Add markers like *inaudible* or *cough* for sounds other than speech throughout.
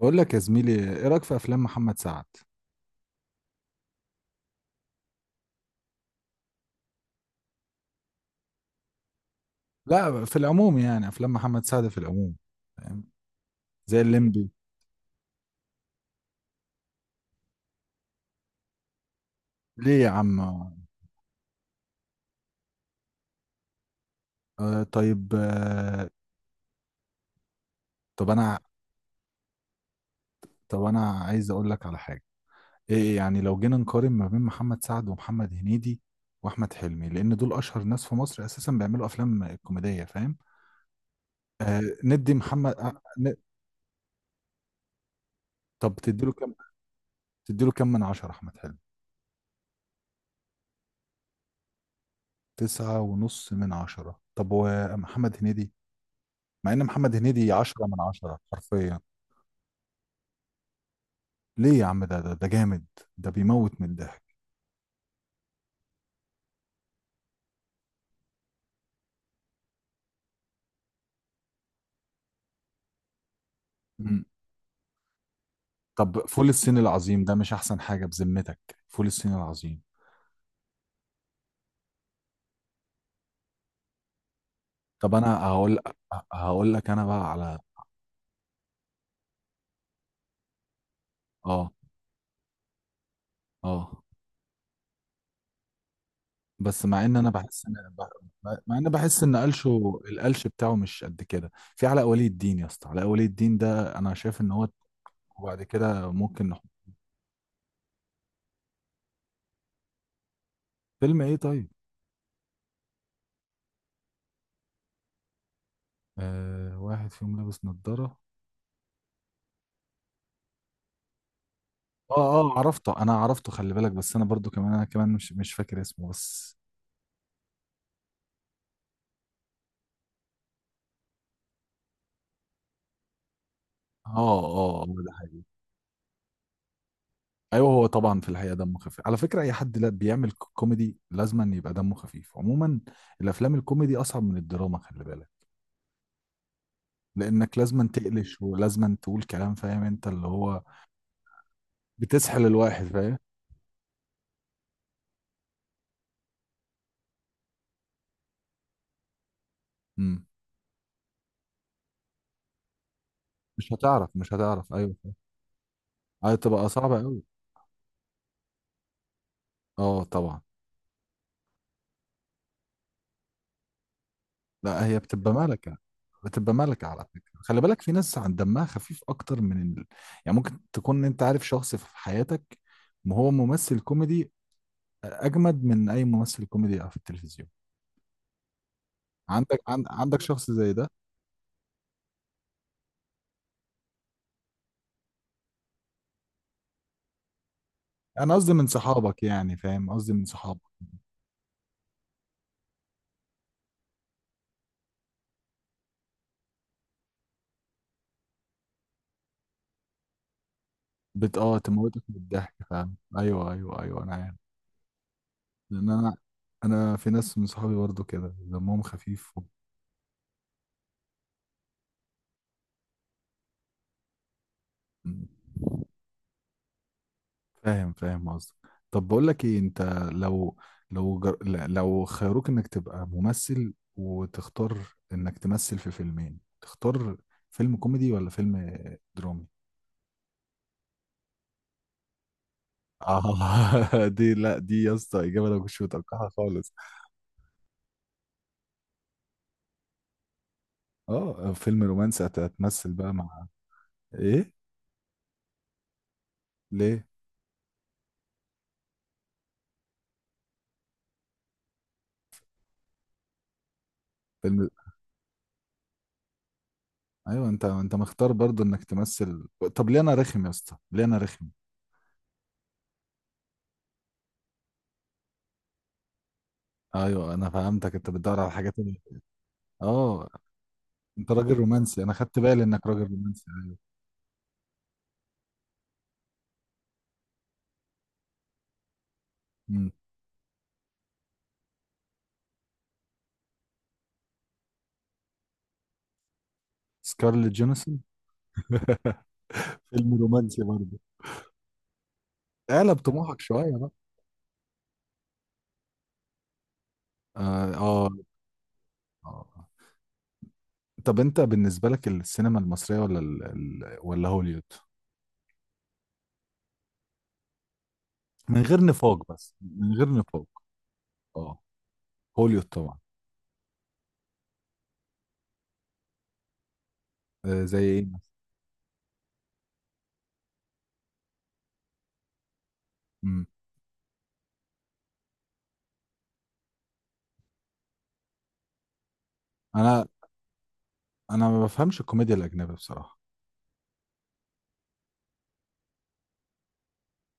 بقول لك يا زميلي، ايه رايك في افلام محمد سعد؟ لا، في العموم يعني افلام محمد سعد في العموم، فاهم، زي الليمبي. ليه يا عم؟ آه، طيب، آه. طب انا طب انا عايز اقول لك على حاجه. ايه يعني لو جينا نقارن ما بين محمد سعد ومحمد هنيدي واحمد حلمي، لان دول اشهر ناس في مصر اساسا بيعملوا افلام كوميديه، فاهم؟ ندي محمد طب تديله كام تديله كام من عشرة احمد حلمي. تسعة ونص من عشرة. طب ومحمد هنيدي؟ مع ان محمد هنيدي 10 من 10 حرفيا. ليه يا عم؟ ده جامد، ده بيموت من الضحك. مم. طب فول الصين العظيم ده مش احسن حاجة بذمتك؟ فول الصين العظيم. طب انا هقول هقول لك انا بقى على اه اه بس مع ان بحس ان قلشه، القلش بتاعه مش قد كده. في علاء ولي الدين يا اسطى، علاء ولي الدين ده انا شايف ان هو... وبعد كده ممكن نحط... فيلم ايه طيب؟ آه، واحد فيهم لابس نظارة. اه، اه، عرفته، انا عرفته، خلي بالك، بس انا برضو كمان، انا كمان مش فاكر اسمه بس. اه، اه، آه، ده حقيقي. ايوه هو طبعا في الحقيقه دمه خفيف، على فكره اي حد لا بيعمل كوميدي لازما يبقى دمه خفيف عموما. الافلام الكوميدي اصعب من الدراما، خلي بالك. لانك لازما تقلش ولازما تقول كلام، فاهم انت اللي هو بتسحل الواحد، فاهم؟ امم مش هتعرف، مش هتعرف، ايوه فاهم. ايوه تبقى صعبه قوي. اه طبعا. لا هي بتبقى ملكة، بتبقى ملكة على فكرة. خلي بالك في ناس عن دمها خفيف أكتر من يعني ممكن تكون أنت عارف شخص في حياتك ما هو ممثل كوميدي أجمد من أي ممثل كوميدي في التلفزيون. عندك شخص زي ده؟ أنا قصدي من صحابك، يعني فاهم قصدي من صحابك. بت آه تموتك من الضحك، فاهم. أيوه، أيوه، أيوه، أنا عارف. لأن أنا، في ناس من صحابي برضه كده دمهم خفيف. و... فاهم، فاهم قصدك. طب بقول لك ايه، انت لو لو خيروك انك تبقى ممثل وتختار انك تمثل في فيلمين، تختار فيلم كوميدي ولا فيلم درامي؟ اه *laughs* دي لا، دي يا اسطى اجابه انا ما كنتش متوقعها خالص. اه، فيلم رومانسي، هتمثل بقى مع؟ ايه؟ ليه؟ فيلم؟ ايوه، انت مختار برضو انك تمثل. طب ليه انا رخم يا اسطى؟ ليه انا رخم؟ ايوه انا فهمتك، انت بتدور على حاجه تانية. اه، انت راجل رومانسي، انا خدت بالي انك راجل رومانسي، ايوه. امم سكارليت جونسون. *laughs* فيلم رومانسي برضه؟ اعلى بطموحك شويه بقى. اه، اه، آه. طب انت بالنسبه لك، السينما المصريه ولا ولا هوليوود؟ من غير نفاق، بس من غير نفاق. اه، هوليوود طبعا. آه، زي ايه مثلا؟ مم. انا انا ما بفهمش الكوميديا الاجنبيه بصراحه.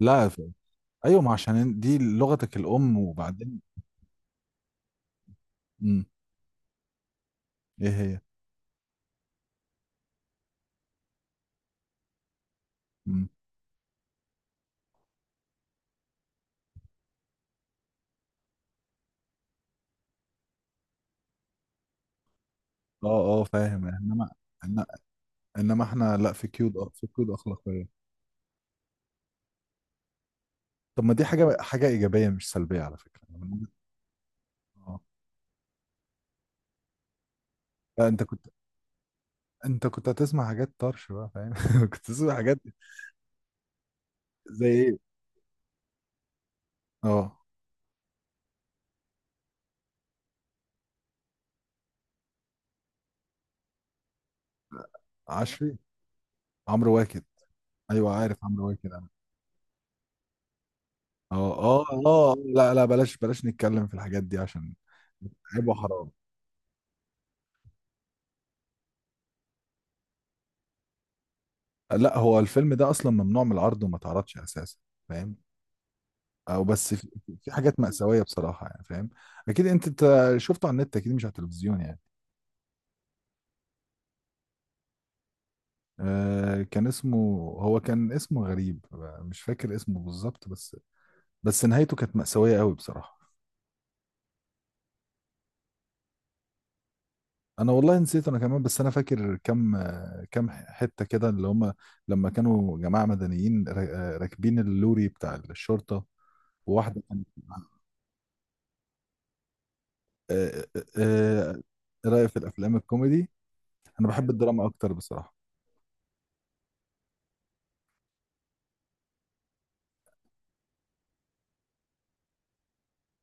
لا، ايوه، ما عشان دي لغتك الام، وبعدين. مم. ايه هي؟ مم. اه، اه، فاهم، انما... إنما احنا لا، في قيود، في قيود اخلاقيه. طب ما دي حاجه، ايجابيه مش سلبيه على فكره يعني اه لا، انت كنت هتسمع حاجات طرش بقى، فاهم *laughs* كنت تسمع حاجات. زي ايه. اه، عشري. عمرو واكد. ايوه عارف عمرو واكد انا. اه، اه، اه، لا، لا، بلاش، بلاش نتكلم في الحاجات دي عشان عيب وحرام. لا هو الفيلم ده اصلا ممنوع من العرض وما اتعرضش اساسا، فاهم. او بس في, في حاجات مأساوية بصراحة يعني، فاهم. اكيد انت، شفته على النت اكيد، مش على التلفزيون يعني. آه، كان اسمه... هو كان اسمه غريب، مش فاكر اسمه بالظبط، بس بس نهايته كانت مأساوية قوي بصراحة. انا والله نسيت، انا كمان، بس انا فاكر كم حتة كده اللي هم، لما كانوا جماعة مدنيين راكبين اللوري بتاع الشرطة. وواحدة كانت... آه، آه، آه، إيه رأيك في الافلام الكوميدي. انا بحب الدراما اكتر بصراحة.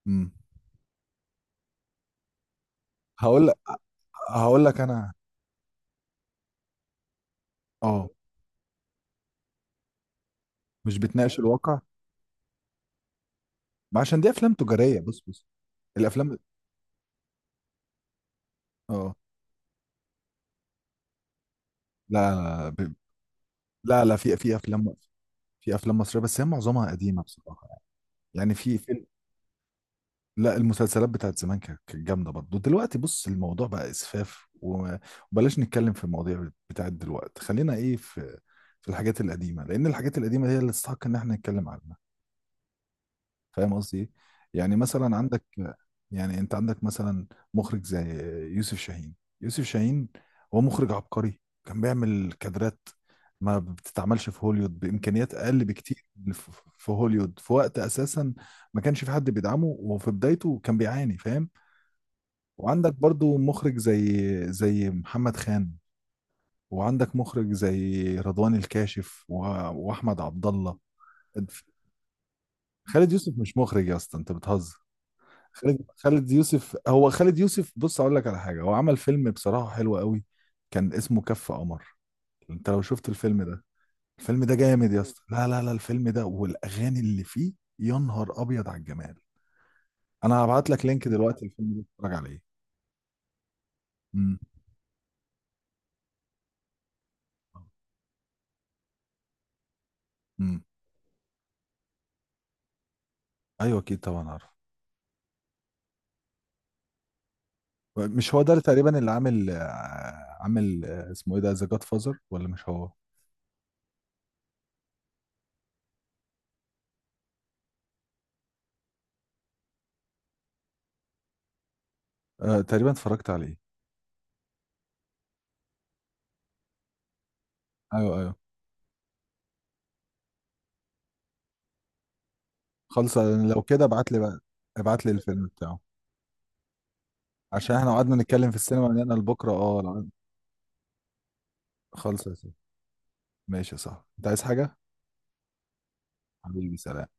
امم هقول لك هقول لك انا. اه، مش بتناقش الواقع. ما عشان دي افلام تجارية، بص بص الافلام. اه، لا لا، لا، في افلام، في افلام مصريه بس هي معظمها قديمه بصراحه يعني. يعني في في لا، المسلسلات بتاعت زمان كانت، جامده برضه. دلوقتي بص الموضوع بقى اسفاف وبلاش نتكلم في المواضيع بتاعت دلوقتي. خلينا في، في الحاجات القديمه، لان الحاجات القديمه هي اللي تستحق ان احنا نتكلم عنها. فاهم قصدي ايه؟ يعني مثلا عندك يعني انت عندك مثلا مخرج زي يوسف شاهين. يوسف شاهين هو مخرج عبقري، كان بيعمل كادرات ما بتتعملش في هوليوود بامكانيات اقل بكتير من في هوليوود، في وقت اساسا ما كانش في حد بيدعمه، وفي بدايته كان بيعاني، فاهم. وعندك برضو مخرج زي محمد خان. وعندك مخرج زي رضوان الكاشف واحمد عبد الله. خالد يوسف مش مخرج يا اسطى، انت بتهزر. خالد يوسف، هو خالد يوسف بص اقول لك على حاجه، هو عمل فيلم بصراحه حلو قوي كان اسمه كف قمر. انت لو شفت الفيلم ده، الفيلم ده جامد يا اسطى، لا، لا، لا، الفيلم ده والاغاني اللي فيه، يا نهار ابيض على الجمال. انا هبعت لك لينك دلوقتي، الفيلم ده اتفرج عليه. امم امم ايوه اكيد طبعا عارف. مش هو ده اللي تقريبا اللي عامل اسمه ايه ده، ذا جاد فازر، ولا مش هو؟ آه، تقريبا اتفرجت عليه. ايوه، ايوه. خلص لو كده ابعت لي بقى، ابعت لي الفيلم بتاعه، عشان احنا قعدنا نتكلم في السينما من هنا لبكره، خالص يا سيدي. ماشي يا صاحبي، انت عايز حاجه؟ حبيبي سلام.